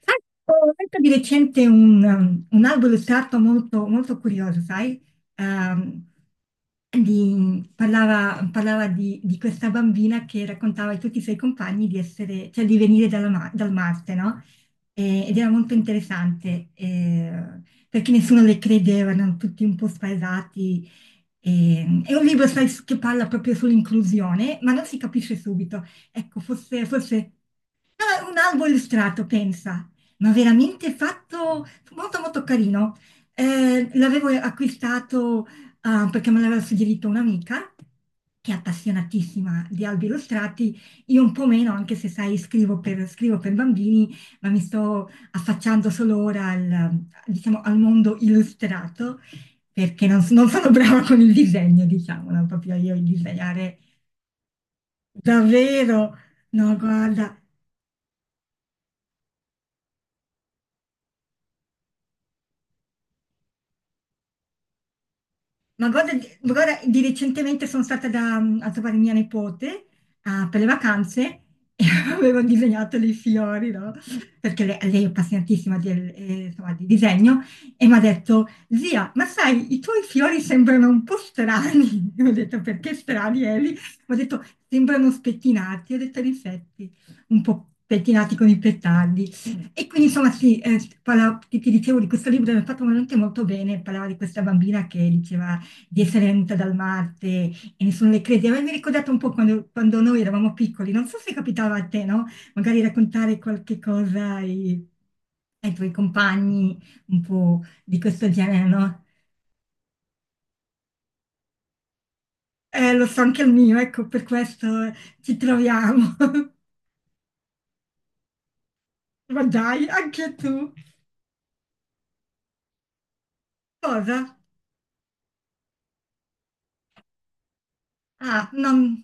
Sai, ho letto di recente un albo illustrato molto, molto curioso, sai? Ehm, parlava di questa bambina che raccontava a tutti i suoi compagni di essere, cioè di venire dal Marte, no? Ed era molto interessante, perché nessuno le credeva, erano tutti un po' spaesati. È un libro, sai, che parla proprio sull'inclusione, ma non si capisce subito. Ecco, forse. Ah, un albo illustrato, pensa, ma veramente fatto molto molto carino. L'avevo acquistato, perché me l'aveva suggerito un'amica che è appassionatissima di albi illustrati. Io un po' meno, anche se sai, scrivo per bambini, ma mi sto affacciando solo ora al, diciamo, al mondo illustrato, perché non, non sono brava con il disegno, diciamo, non proprio io il disegnare davvero. No, guarda, ma guarda, ma guarda di recentemente sono stata a trovare mia nipote, per le vacanze e avevo disegnato dei fiori, no? Perché lei è appassionatissima insomma, di disegno, e mi ha detto, zia, ma sai, i tuoi fiori sembrano un po' strani. Io ho detto, perché strani, Eli? Mi ha detto, sembrano spettinati. Io ho detto, in effetti, un po' pettinati con i petardi. E quindi insomma sì, ti, ti dicevo di questo libro, che mi ha fatto veramente molto bene, parlava di questa bambina che diceva di Sorrento Dalmarte, e ne sono le credi. A me mi ha ricordato un po' quando noi eravamo piccoli, non so se capitava a te, no? Magari raccontare qualche cosa ai, ai tuoi compagni un po' di questo genere, no? Lo so anche il mio, ecco, per questo ci troviamo. Ma dai, anche tu. Cosa? Ah, non...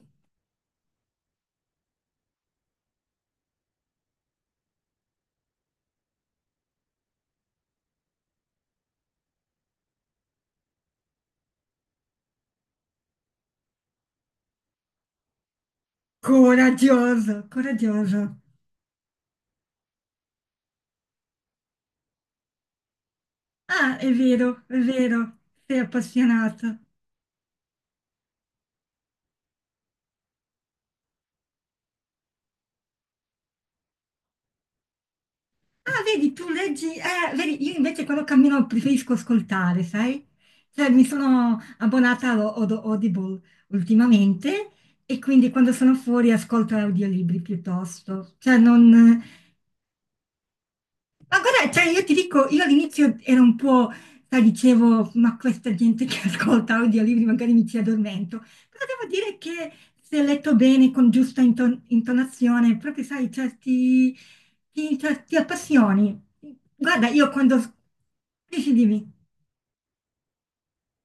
Coraggioso, coraggioso. Ah, è vero, sei appassionato. Ah, vedi, tu leggi, vedi, io invece quando cammino preferisco ascoltare, sai? Cioè, mi sono abbonata a Audible ultimamente e quindi quando sono fuori ascolto audiolibri piuttosto. Cioè, non, ma guarda, cioè io ti dico, io all'inizio ero un po', sai, dicevo, ma questa gente che ascolta audiolibri magari mi ci addormento, però devo dire che se letto bene, con giusta intonazione, proprio sai, cioè, ti, cioè, ti appassioni. Guarda, io quando... Dici, dimmi,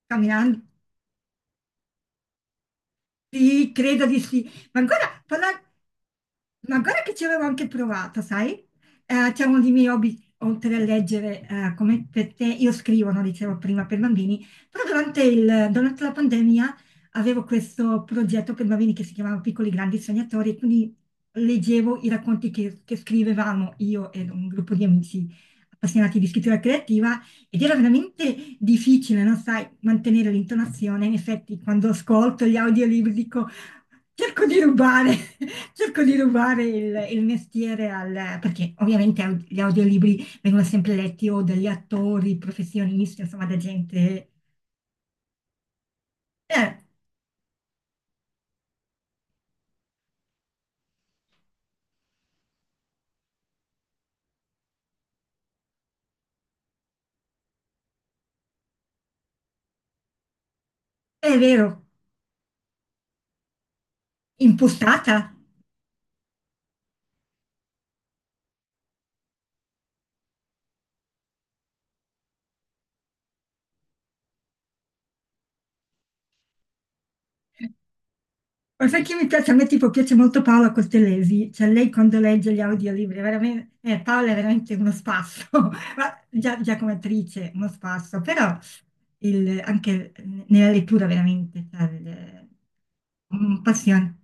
camminando. Sì, credo di sì. Ma ancora che ci avevo anche provato, sai? C'è uno dei miei hobby, oltre a leggere, come per te, io scrivo, no, dicevo prima, per bambini, però durante, durante la pandemia avevo questo progetto per bambini che si chiamava Piccoli Grandi Sognatori, e quindi leggevo i racconti che scrivevamo io ed un gruppo di amici appassionati di scrittura creativa, ed era veramente difficile, non sai, mantenere l'intonazione. In effetti, quando ascolto gli audiolibri dico, cerco di rubare, cerco di rubare il mestiere al... perché ovviamente gli audiolibri vengono sempre letti o dagli attori, professionisti, insomma, da gente... eh, è vero, impostata. Ma sai che mi piace? A me tipo piace molto Paola Costellesi, cioè lei quando legge gli audiolibri, è veramente, Paola è veramente uno spasso, ma già, già come attrice uno spasso, però anche nella lettura veramente, cioè, il- un passione.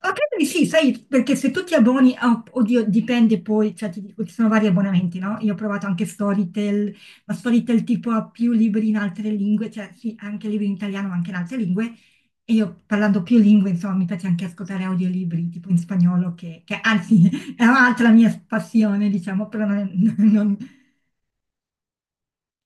Ah, credo di sì, sai, perché se tu ti abboni, oddio, dipende poi, cioè ti dico, ci sono vari abbonamenti, no? Io ho provato anche Storytel, ma Storytel tipo ha più libri in altre lingue, cioè sì, ha anche libri in italiano, ma anche in altre lingue, e io parlando più lingue, insomma, mi piace anche ascoltare audiolibri tipo in spagnolo, che anzi è un'altra mia passione, diciamo, però non, non-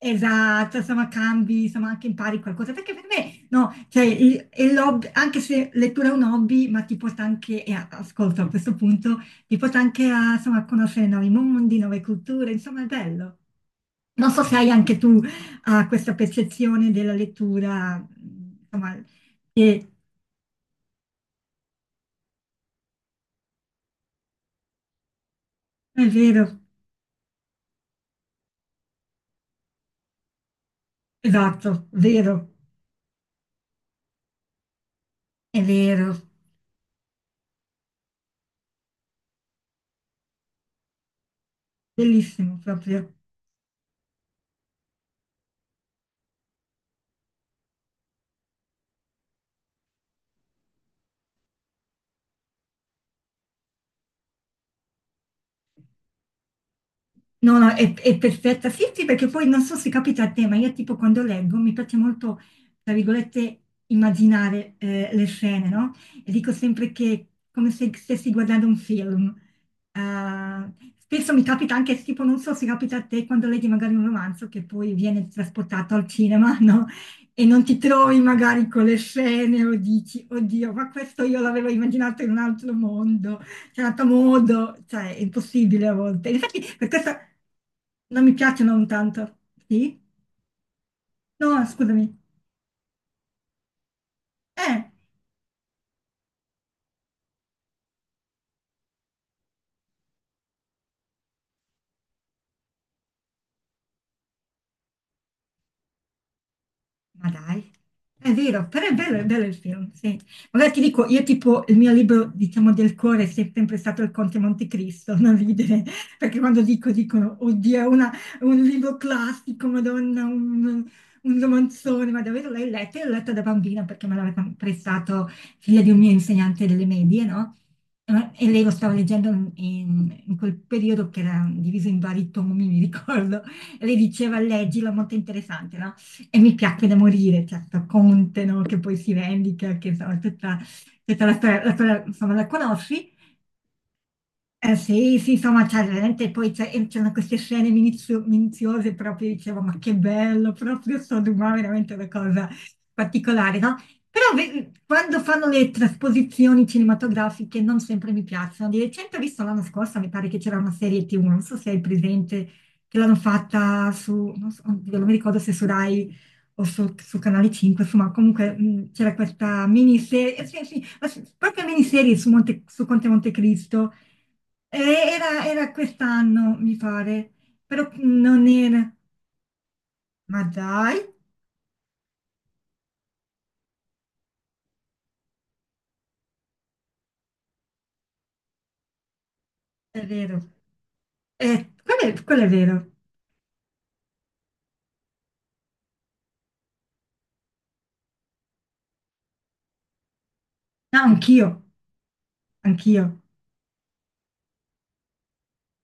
Esatto, insomma cambi, insomma anche impari qualcosa, perché per me no, cioè è l'hobby, anche se lettura è un hobby, ma ti porta anche, e ascolto a questo punto, ti porta anche a, insomma, a conoscere nuovi mondi, nuove culture, insomma è bello. Non so se hai anche tu, questa percezione della lettura, insomma, che è vero, esatto, vero, è vero, bellissimo proprio. No, no, è perfetta. Sì, sì, perché poi non so se capita a te, ma io tipo quando leggo mi piace molto, tra virgolette, immaginare le scene, no? E dico sempre che è come se stessi guardando un film. Eh, spesso mi capita anche, tipo, non so se capita a te quando leggi magari un romanzo che poi viene trasportato al cinema, no? E non ti trovi magari con le scene o dici, oddio, ma questo io l'avevo immaginato in un altro mondo, certo modo, cioè, è impossibile a volte. Infatti, per questo non mi piacciono tanto. Sì? No, scusami. Eh. Ma dai, è vero, però è bello il film, sì. Allora ti dico, io tipo, il mio libro, diciamo, del cuore è sempre stato Il Conte Montecristo, non ridere, perché quando dico, dicono, oddio, è un libro classico, Madonna, un romanzone, ma davvero l'hai letto? Io l'ho letto da bambina perché me l'aveva prestato figlia di un mio insegnante delle medie, no? E lei lo stava leggendo in quel periodo che era diviso in vari tomi, mi ricordo, e lei diceva, leggilo, è molto interessante, no? E mi piacque da morire, certo, Conte, no? Che poi si vendica, che insomma, tutta, tutta la storia, insomma, la conosci, eh sì, sì, insomma, cioè, veramente poi e c'erano queste scene minuziose, proprio dicevo, ma che bello, proprio Sodoma, veramente una cosa particolare, no? Però quando fanno le trasposizioni cinematografiche non sempre mi piacciono. Di recente ho visto l'anno scorso, mi pare che c'era una serie TV, non so se hai presente, che l'hanno fatta su, non so, oddio, non mi ricordo se su Rai o su, su Canale 5, insomma, comunque c'era questa miniserie, sì, sì, ma sì, proprio miniserie su, Conte Montecristo, eh, era, era quest'anno, mi pare, però non era. Ma dai, è vero. Quello è vero. No, anch'io, anch'io.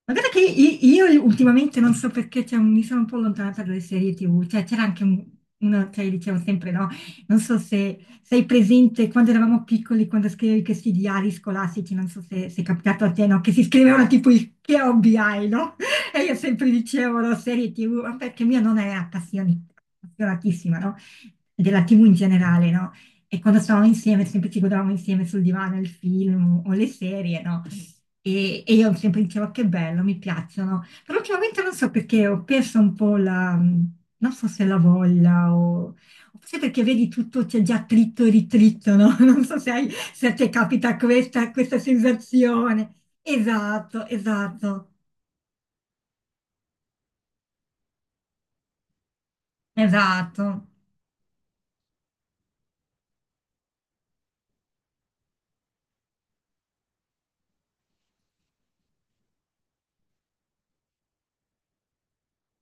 Ma guarda che io ultimamente non so perché cioè, mi sono un po' allontanata dalle serie TV, cioè c'era anche una, cioè diciamo sempre no, non so se sei presente quando eravamo piccoli, quando scrivevi questi diari scolastici, non so se è capitato a te, no, che si scrivevano tipo il che hobby hai, no? E io sempre dicevo no, serie TV, ma perché mia nonna era appassionatissima, no? Della TV in generale, no? E quando stavamo insieme sempre ci godavamo insieme sul divano il film o le serie, no? E io sempre dicevo che bello, mi piacciono, però ultimamente non so perché ho perso un po' la, non so se la voglia o forse perché vedi tutto c'è già tritto e ritritto, no? Non so se, se a te capita questa sensazione. Esatto, esatto, esatto.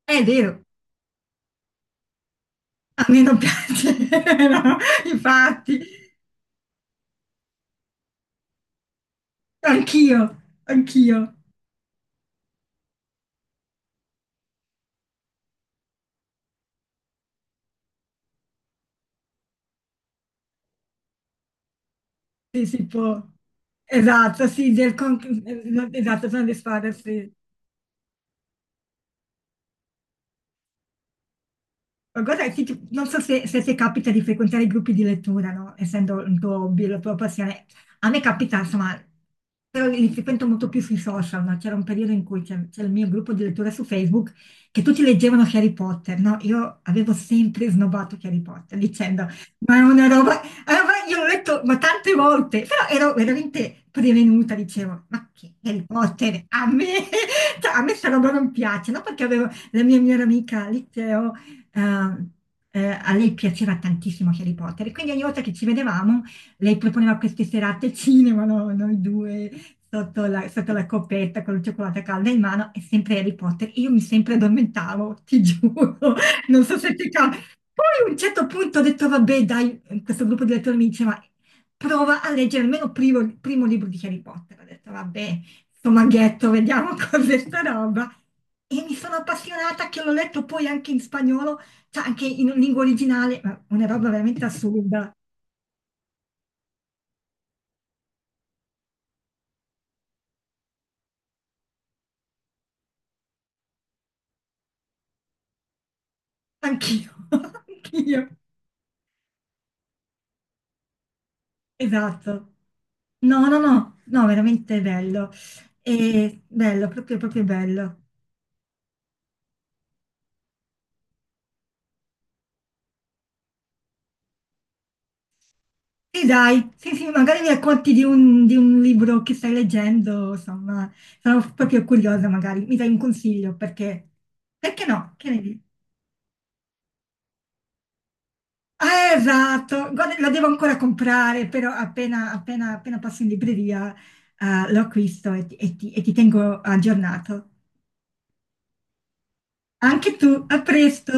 È vero, a me non piace, no? Infatti, anch'io, anch'io, sì, si può. Esatto, sì, esatto, sono le squadre, sì. Ma guarda, sì, ti- non so se capita di frequentare i gruppi di lettura, no? Essendo il tuo hobby, la tua passione. A me capita, insomma, però li frequento molto più sui social, no? C'era un periodo in cui c'era il mio gruppo di lettura su Facebook che tutti leggevano Harry Potter, no? Io avevo sempre snobbato Harry Potter dicendo, ma è una roba- io l'ho letto ma tante volte, però ero veramente prevenuta, dicevo, ma che Harry Potter, a me, cioè, a me sta roba non piace, no? Perché avevo la mia migliore amica al liceo, eh, a lei piaceva tantissimo Harry Potter e quindi ogni volta che ci vedevamo lei proponeva queste serate al cinema, no? Noi due sotto la coppetta con il cioccolato caldo in mano e sempre Harry Potter. E io mi sempre addormentavo, ti giuro, non so se ti capita. Poi a un certo punto ho detto, vabbè, dai, questo gruppo di lettori mi diceva, prova a leggere almeno il primo libro di Harry Potter. Ho detto, vabbè, sto maghetto, vediamo cos'è sta roba. E mi sono appassionata che l'ho letto poi anche in spagnolo, cioè anche in lingua originale, ma una roba veramente assurda. Anch'io, anch'io. Esatto. No, no, no, no, veramente bello. E bello, proprio, proprio bello. E dai, sì, sì, magari mi racconti di un libro che stai leggendo, insomma, sono proprio curiosa, magari mi dai un consiglio, perché, perché no? Che ne dici? Ah, esatto, guarda, la devo ancora comprare, però appena passo in libreria, lo acquisto e ti tengo aggiornato. Anche tu, a presto!